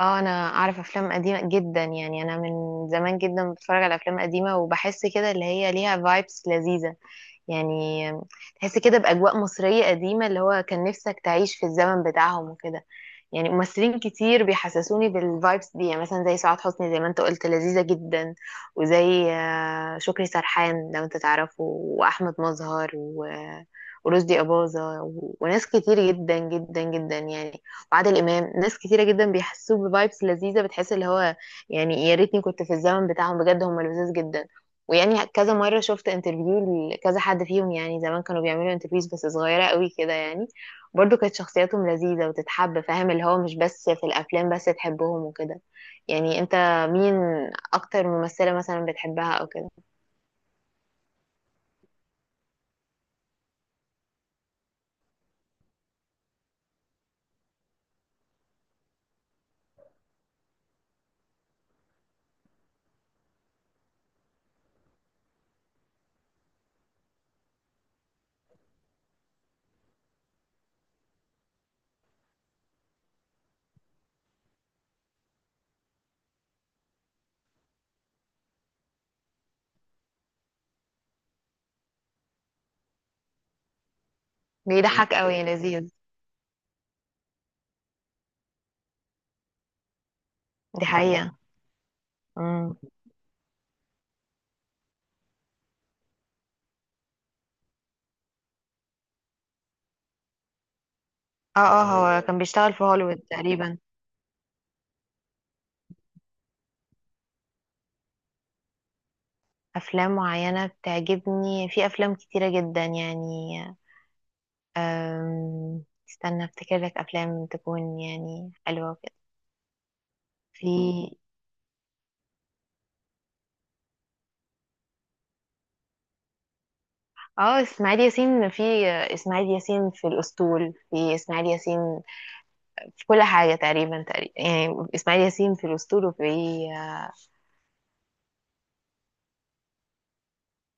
اه، انا اعرف افلام قديمه جدا، يعني انا من زمان جدا بتفرج على افلام قديمه وبحس كده اللي هي ليها فايبس لذيذه يعني. تحس كده باجواء مصريه قديمه، اللي هو كان نفسك تعيش في الزمن بتاعهم وكده. يعني ممثلين كتير بيحسسوني بالفايبس دي، يعني مثلا زي سعاد حسني، زي ما انت قلت لذيذة جدا، وزي شكري سرحان لو انت تعرفه، واحمد مظهر ورشدي أباظة وناس كتير جدا جدا جدا يعني، وعادل إمام. ناس كتيرة جدا بيحسوه بفايبس لذيذة، بتحس اللي هو يعني يا ريتني كنت في الزمن بتاعهم، بجد هم لذيذ جدا. ويعني كذا مرة شفت انترفيو لكذا حد فيهم، يعني زمان كانوا بيعملوا انترفيوز بس صغيرة قوي كده يعني. برضو كانت شخصياتهم لذيذة وتتحب، فاهم اللي هو مش بس في الأفلام، بس تحبهم وكده. يعني انت مين أكتر ممثلة مثلا بتحبها أو كده؟ بيضحك أوي يا لذيذ. دي حقيقة. مم. اه، اه. هو كان بيشتغل في هوليوود تقريبا. أفلام معينة بتعجبني، في أفلام كتيرة جدا يعني. أم... استنى افتكر لك أفلام تكون يعني حلوة وكده. في. اه، اسماعيل ياسين في، اسماعيل ياسين في الأسطول، في اسماعيل ياسين في كل حاجة تقريبا، تقريبا يعني إسماعيل ياسين في الأسطول في.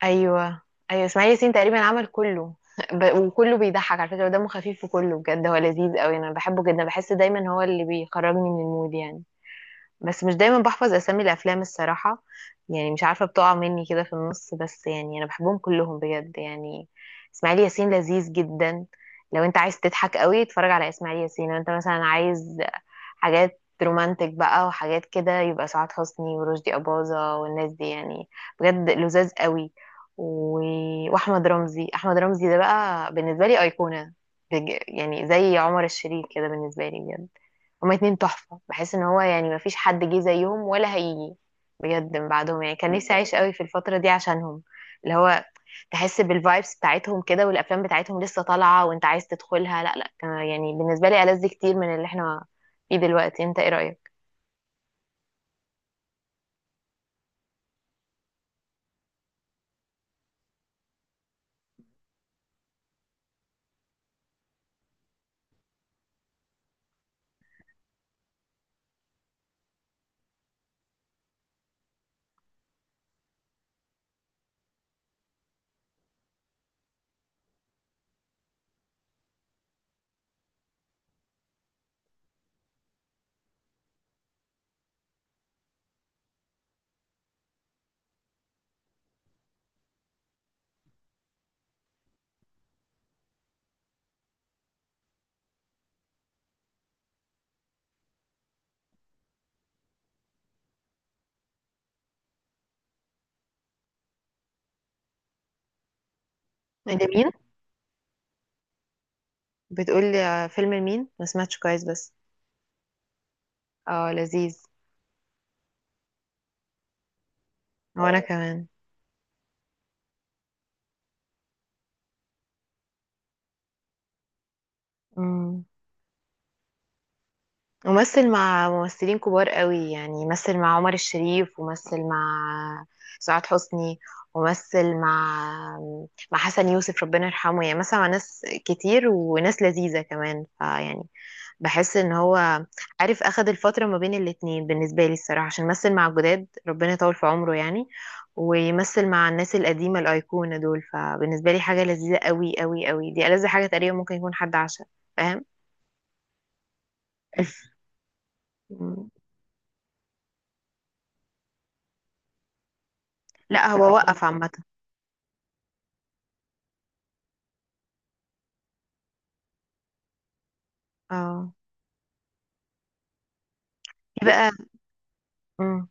أيوه، أيوه، إسماعيل ياسين تقريبا عمل كله وكله بيضحك على فكرة، ودمه خفيف في كله بجد، هو لذيذ قوي، أنا بحبه جدا، بحس دايما هو اللي بيخرجني من المود يعني. بس مش دايما بحفظ أسامي الأفلام الصراحة، يعني مش عارفة، بتقع مني كده في النص، بس يعني أنا بحبهم كلهم بجد يعني. إسماعيل ياسين لذيذ جدا، لو انت عايز تضحك قوي اتفرج على اسماعيل ياسين. لو انت مثلا عايز حاجات رومانتك بقى وحاجات كده، يبقى سعاد حسني ورشدي أباظة والناس دي يعني، بجد لذاذ قوي. و... واحمد رمزي، احمد رمزي ده بقى بالنسبه لي ايقونه، يعني زي عمر الشريف كده بالنسبه لي بجد. هما اتنين تحفه، بحس ان هو يعني مفيش حد جه زيهم ولا هيجي بجد من بعدهم يعني، كان نفسي اعيش قوي في الفتره دي عشانهم. اللي هو تحس بالفايبس بتاعتهم كده، والافلام بتاعتهم لسه طالعه وانت عايز تدخلها، لا لا، كان يعني بالنسبه لي ألذ كتير من اللي احنا فيه دلوقتي، انت ايه رايك؟ انت مين بتقولي فيلم لمين؟ ما سمعتش كويس بس. اه، لذيذ. وانا كمان. امم، ومثل مع ممثلين كبار قوي، يعني مثل مع عمر الشريف، ومثل مع سعاد حسني، ومثل مع حسن يوسف ربنا يرحمه، يعني مثل مع ناس كتير وناس لذيذة كمان، فيعني بحس ان هو عارف اخد الفترة ما بين الاتنين بالنسبة لي الصراحة، عشان مثل مع الجداد ربنا يطول في عمره يعني، ويمثل مع الناس القديمة الأيقونة دول، فبالنسبة لي حاجة لذيذة قوي قوي قوي، دي ألذ حاجة تقريبا ممكن يكون حد عاشها، فاهم. مم. لا ده هو حقيقي وقف عامة. اه. في بقى. مم.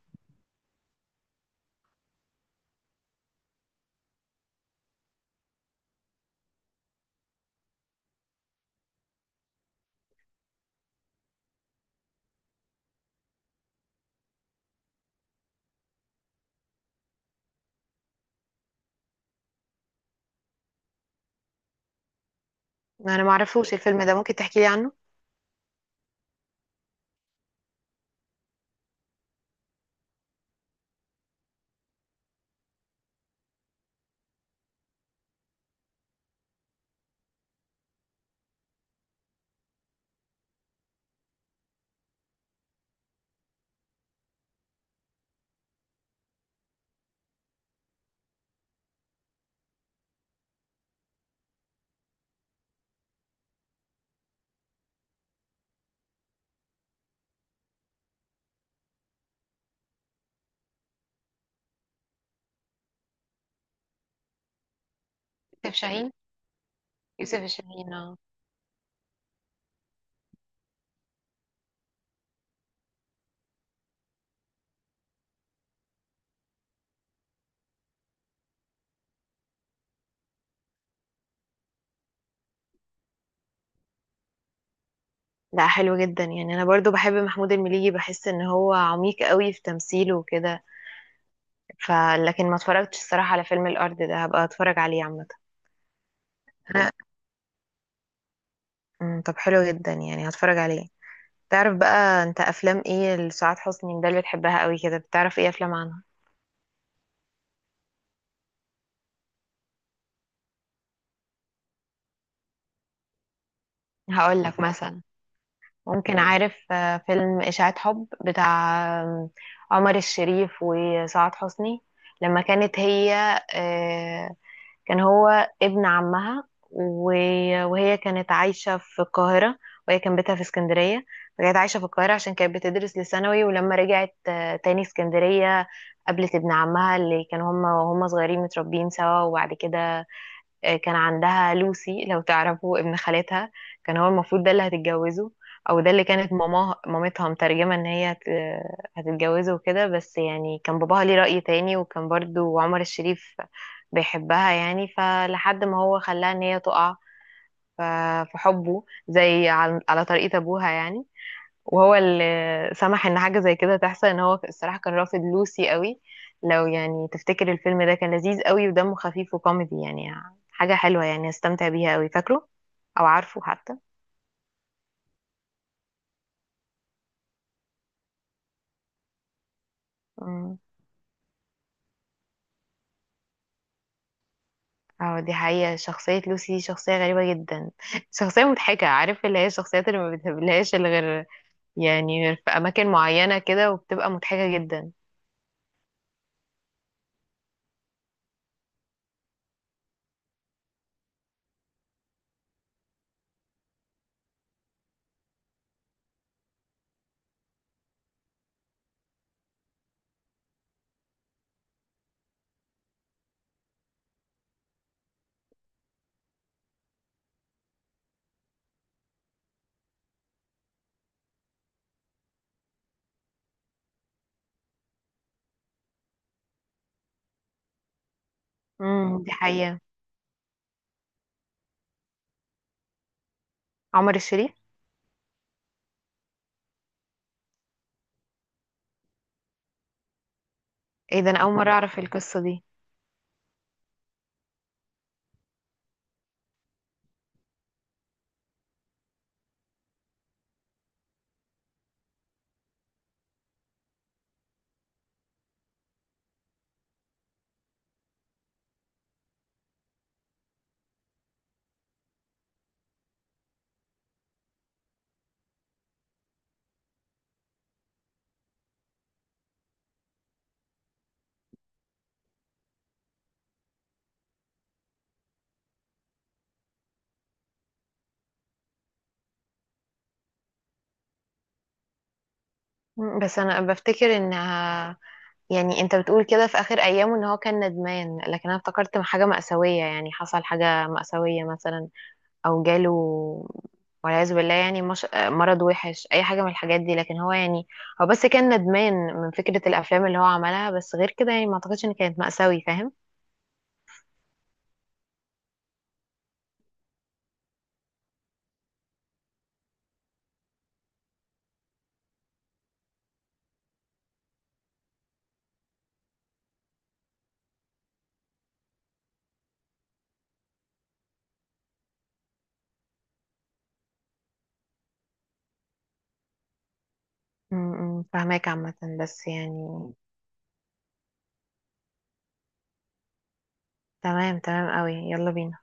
انا معرفوش الفيلم ده، ممكن تحكي لي عنه؟ يوسف شاهين، يوسف الشاهين اه. لا، حلو جدا، يعني انا برضو بحب محمود المليجي، بحس ان هو عميق قوي في تمثيله وكده. ف لكن ما اتفرجتش الصراحة على فيلم الأرض ده، هبقى اتفرج عليه عامة. ها، مم، طب حلو جدا يعني هتفرج عليه. تعرف بقى انت افلام ايه لسعاد حسني ده اللي بتحبها قوي كده؟ بتعرف ايه افلام عنها؟ هقول لك مثلا. ممكن عارف فيلم إشاعة حب بتاع آم، عمر الشريف وسعاد حسني؟ لما كانت هي آه، كان هو ابن عمها، وهي كانت عايشة في القاهرة، وهي كان بيتها في اسكندرية. فكانت عايشة في القاهرة عشان كانت بتدرس لثانوي، ولما رجعت تاني اسكندرية قابلت ابن عمها اللي كانوا هما صغيرين متربيين سوا. وبعد كده كان عندها لوسي لو تعرفوا ابن خالتها، كان هو المفروض ده اللي هتتجوزه، او ده اللي كانت ماما مامتها مترجمة ان هي هتتجوزه وكده. بس يعني كان باباها ليه رأي تاني، وكان برضو عمر الشريف بيحبها يعني، فلحد ما هو خلاها ان هي تقع ف- في حبه زي على طريقة ابوها يعني. وهو اللي سمح ان حاجه زي كده تحصل، ان هو الصراحه كان رافض لوسي قوي. لو يعني تفتكر الفيلم ده كان لذيذ قوي ودمه خفيف وكوميدي يعني، حاجه حلوه يعني استمتع بيها قوي، فاكره او عارفه حتى؟ مم. اه، دي حقيقة، شخصية لوسي دي شخصية غريبة جدا شخصية مضحكة، عارف اللي هي الشخصيات اللي ما بتقابلهاش إلا غير يعني، غير في أماكن معينة كده، وبتبقى مضحكة جدا. امم، دي حقيقة. عمر الشريف. ايه ده، أنا أول مرة أعرف القصة دي. مم، بس أنا بفتكر إنها يعني، انت بتقول كده في اخر ايامه ان هو كان ندمان، لكن انا افتكرت حاجه مأساويه يعني، حصل حاجه مأساويه مثلا او جاله والعياذ بالله يعني، مش... مرض وحش اي حاجه من الحاجات دي. لكن هو يعني، هو بس كان ندمان من فكره الافلام اللي هو عملها بس، غير كده يعني ما اعتقدش ان كانت مأساوي، فاهم. م- م، فاهماك عامه، بس يعني. تمام، تمام قوي، يلا بينا.